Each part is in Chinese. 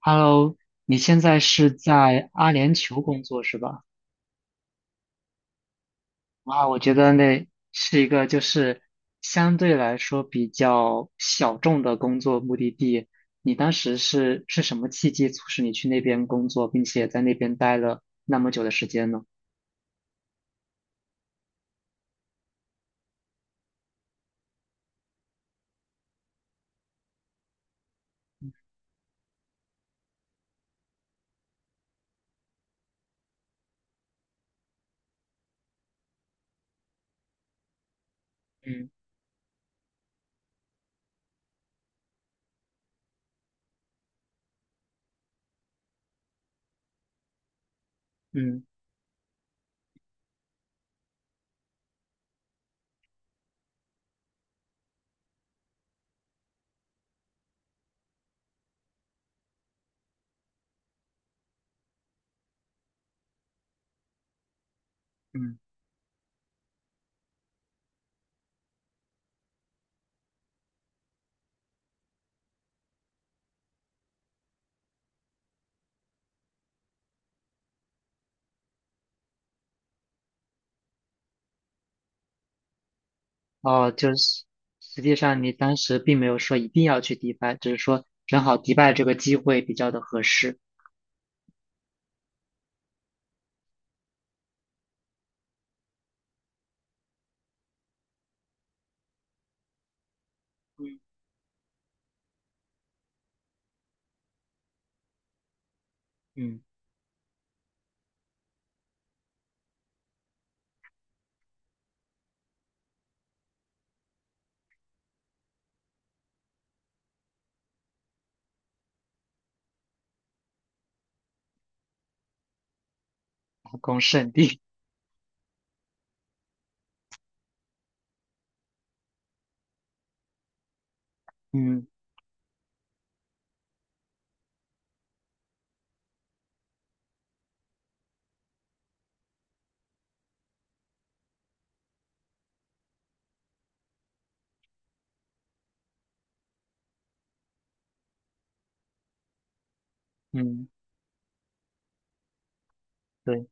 Hello，你现在是在阿联酋工作是吧？哇，我觉得那是一个相对来说比较小众的工作目的地。你当时是什么契机促使你去那边工作，并且在那边待了那么久的时间呢？嗯嗯嗯。哦，就是实际上你当时并没有说一定要去迪拜，只是说正好迪拜这个机会比较的合适。嗯嗯。打工圣地。嗯嗯。对。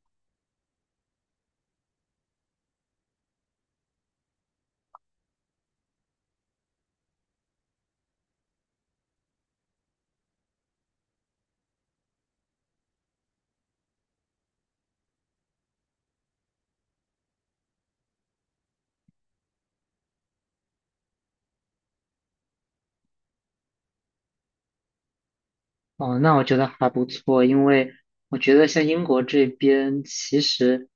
哦，那我觉得还不错，因为我觉得像英国这边，其实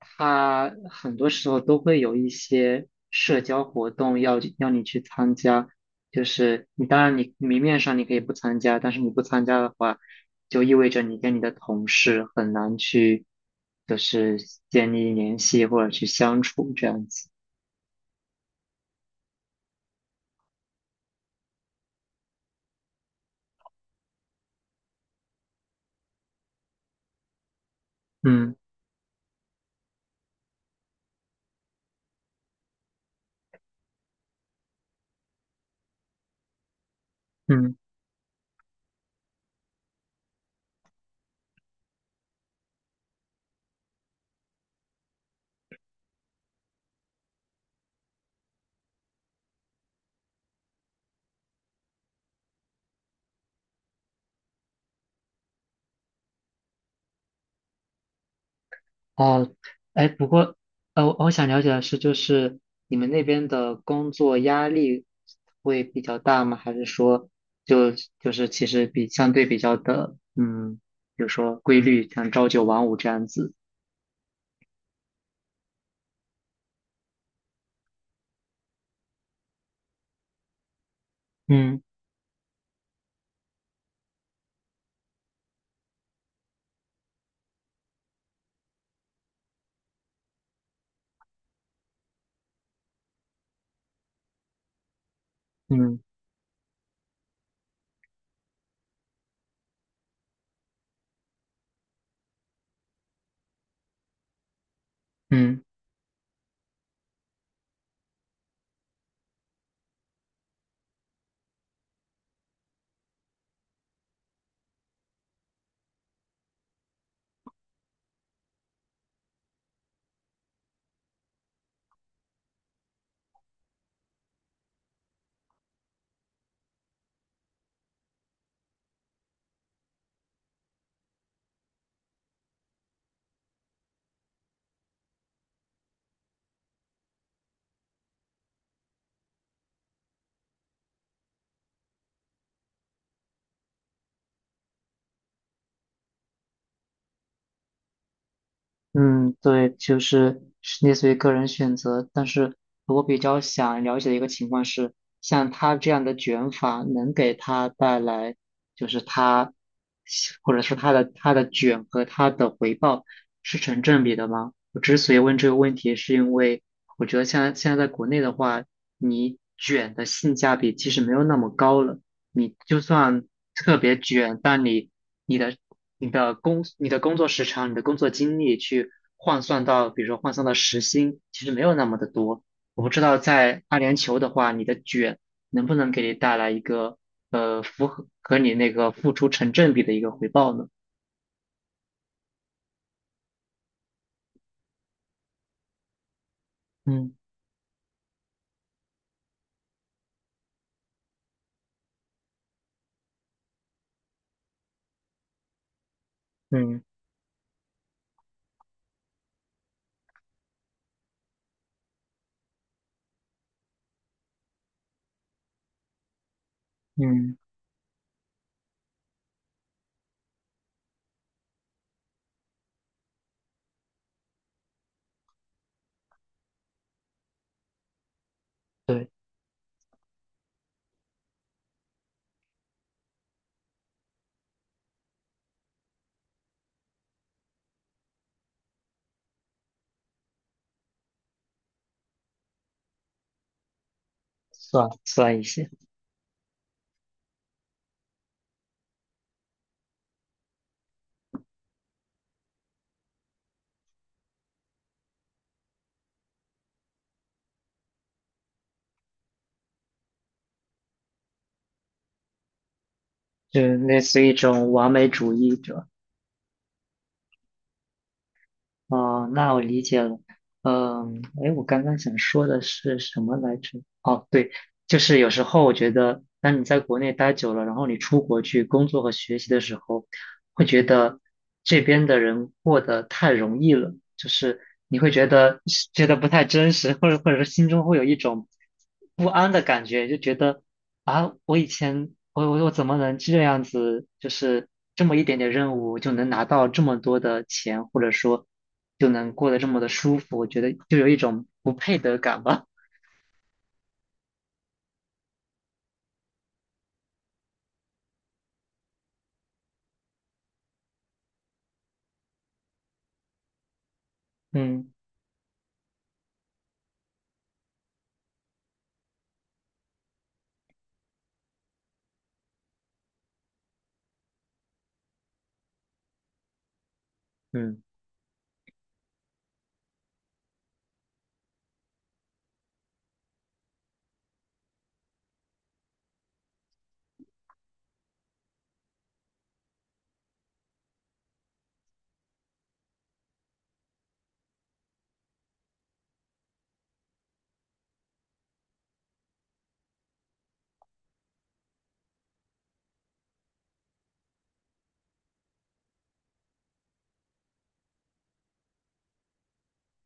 它很多时候都会有一些社交活动要你去参加，就是你当然你明面上你可以不参加，但是你不参加的话，就意味着你跟你的同事很难去就是建立联系或者去相处这样子。嗯嗯。哦，哎，不过，我想了解的是，就是你们那边的工作压力会比较大吗？还是说就就是其实比相对比较的，嗯，比如说规律，像朝九晚五这样子？嗯嗯嗯。嗯，对，就是是类似于个人选择，但是我比较想了解的一个情况是，像他这样的卷法能给他带来，就是他，或者是他的卷和他的回报是成正比的吗？我之所以问这个问题，是因为我觉得现在在国内的话，你卷的性价比其实没有那么高了。你就算特别卷，但你你的你的工作时长、你的工作经历去换算到，比如说换算到时薪，其实没有那么的多。我不知道在阿联酋的话，你的卷能不能给你带来一个符合和你那个付出成正比的一个回报呢？嗯嗯嗯。对，算一些。就类似于一种完美主义者。哦，那我理解了。嗯，哎，我刚刚想说的是什么来着？哦，对，就是有时候我觉得，当你在国内待久了，然后你出国去工作和学习的时候，会觉得这边的人过得太容易了，就是你会觉得不太真实，或者说心中会有一种不安的感觉，就觉得啊，我以前我怎么能这样子，就是这么一点点任务就能拿到这么多的钱，或者说就能过得这么的舒服，我觉得就有一种不配得感吧。嗯嗯。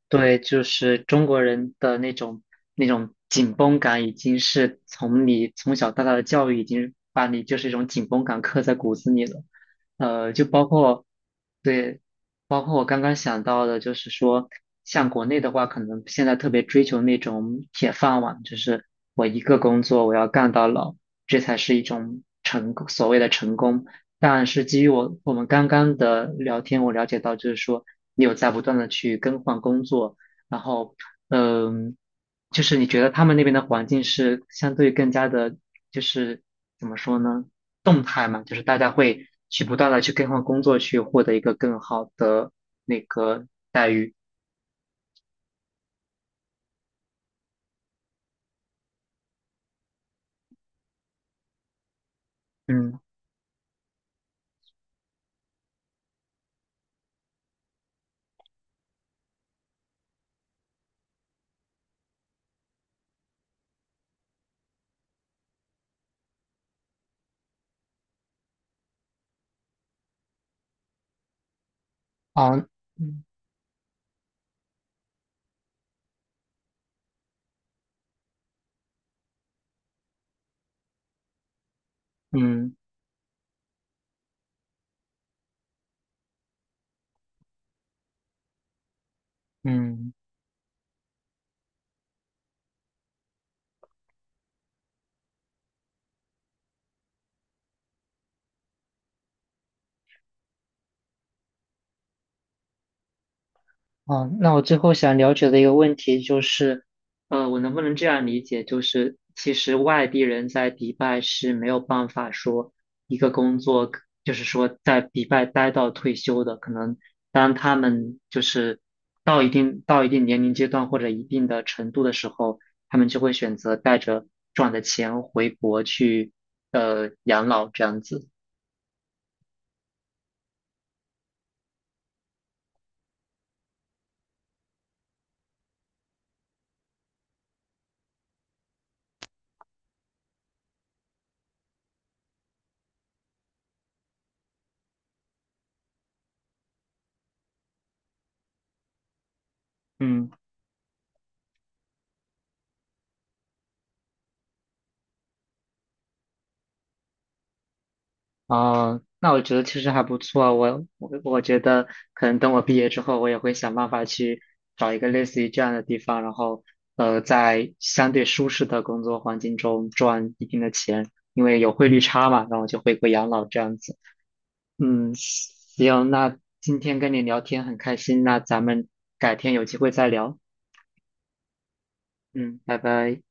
对，就是中国人的那种紧绷感，已经是从你从小到大的教育已经把你一种紧绷感刻在骨子里了。就包括对，包括我刚刚想到的，就是说，像国内的话，可能现在特别追求那种铁饭碗，就是我一个工作我要干到老，这才是一种成功所谓的成功。但是基于我们刚刚的聊天，我了解到就是说，你有在不断的去更换工作，然后，嗯，就是你觉得他们那边的环境是相对更加的，就是怎么说呢，动态嘛，就是大家会去不断的去更换工作，去获得一个更好的那个待遇。嗯。哦，嗯嗯嗯。哦，那我最后想了解的一个问题就是，我能不能这样理解，就是其实外地人在迪拜是没有办法说一个工作，就是说在迪拜待到退休的，可能当他们就是到一定年龄阶段或者一定的程度的时候，他们就会选择带着赚的钱回国去养老这样子。嗯。哦，那我觉得其实还不错啊。我觉得可能等我毕业之后，我也会想办法去找一个类似于这样的地方，然后在相对舒适的工作环境中赚一定的钱，因为有汇率差嘛，然后就回国养老这样子。嗯，行，那今天跟你聊天很开心，那咱们改天有机会再聊。嗯，拜拜。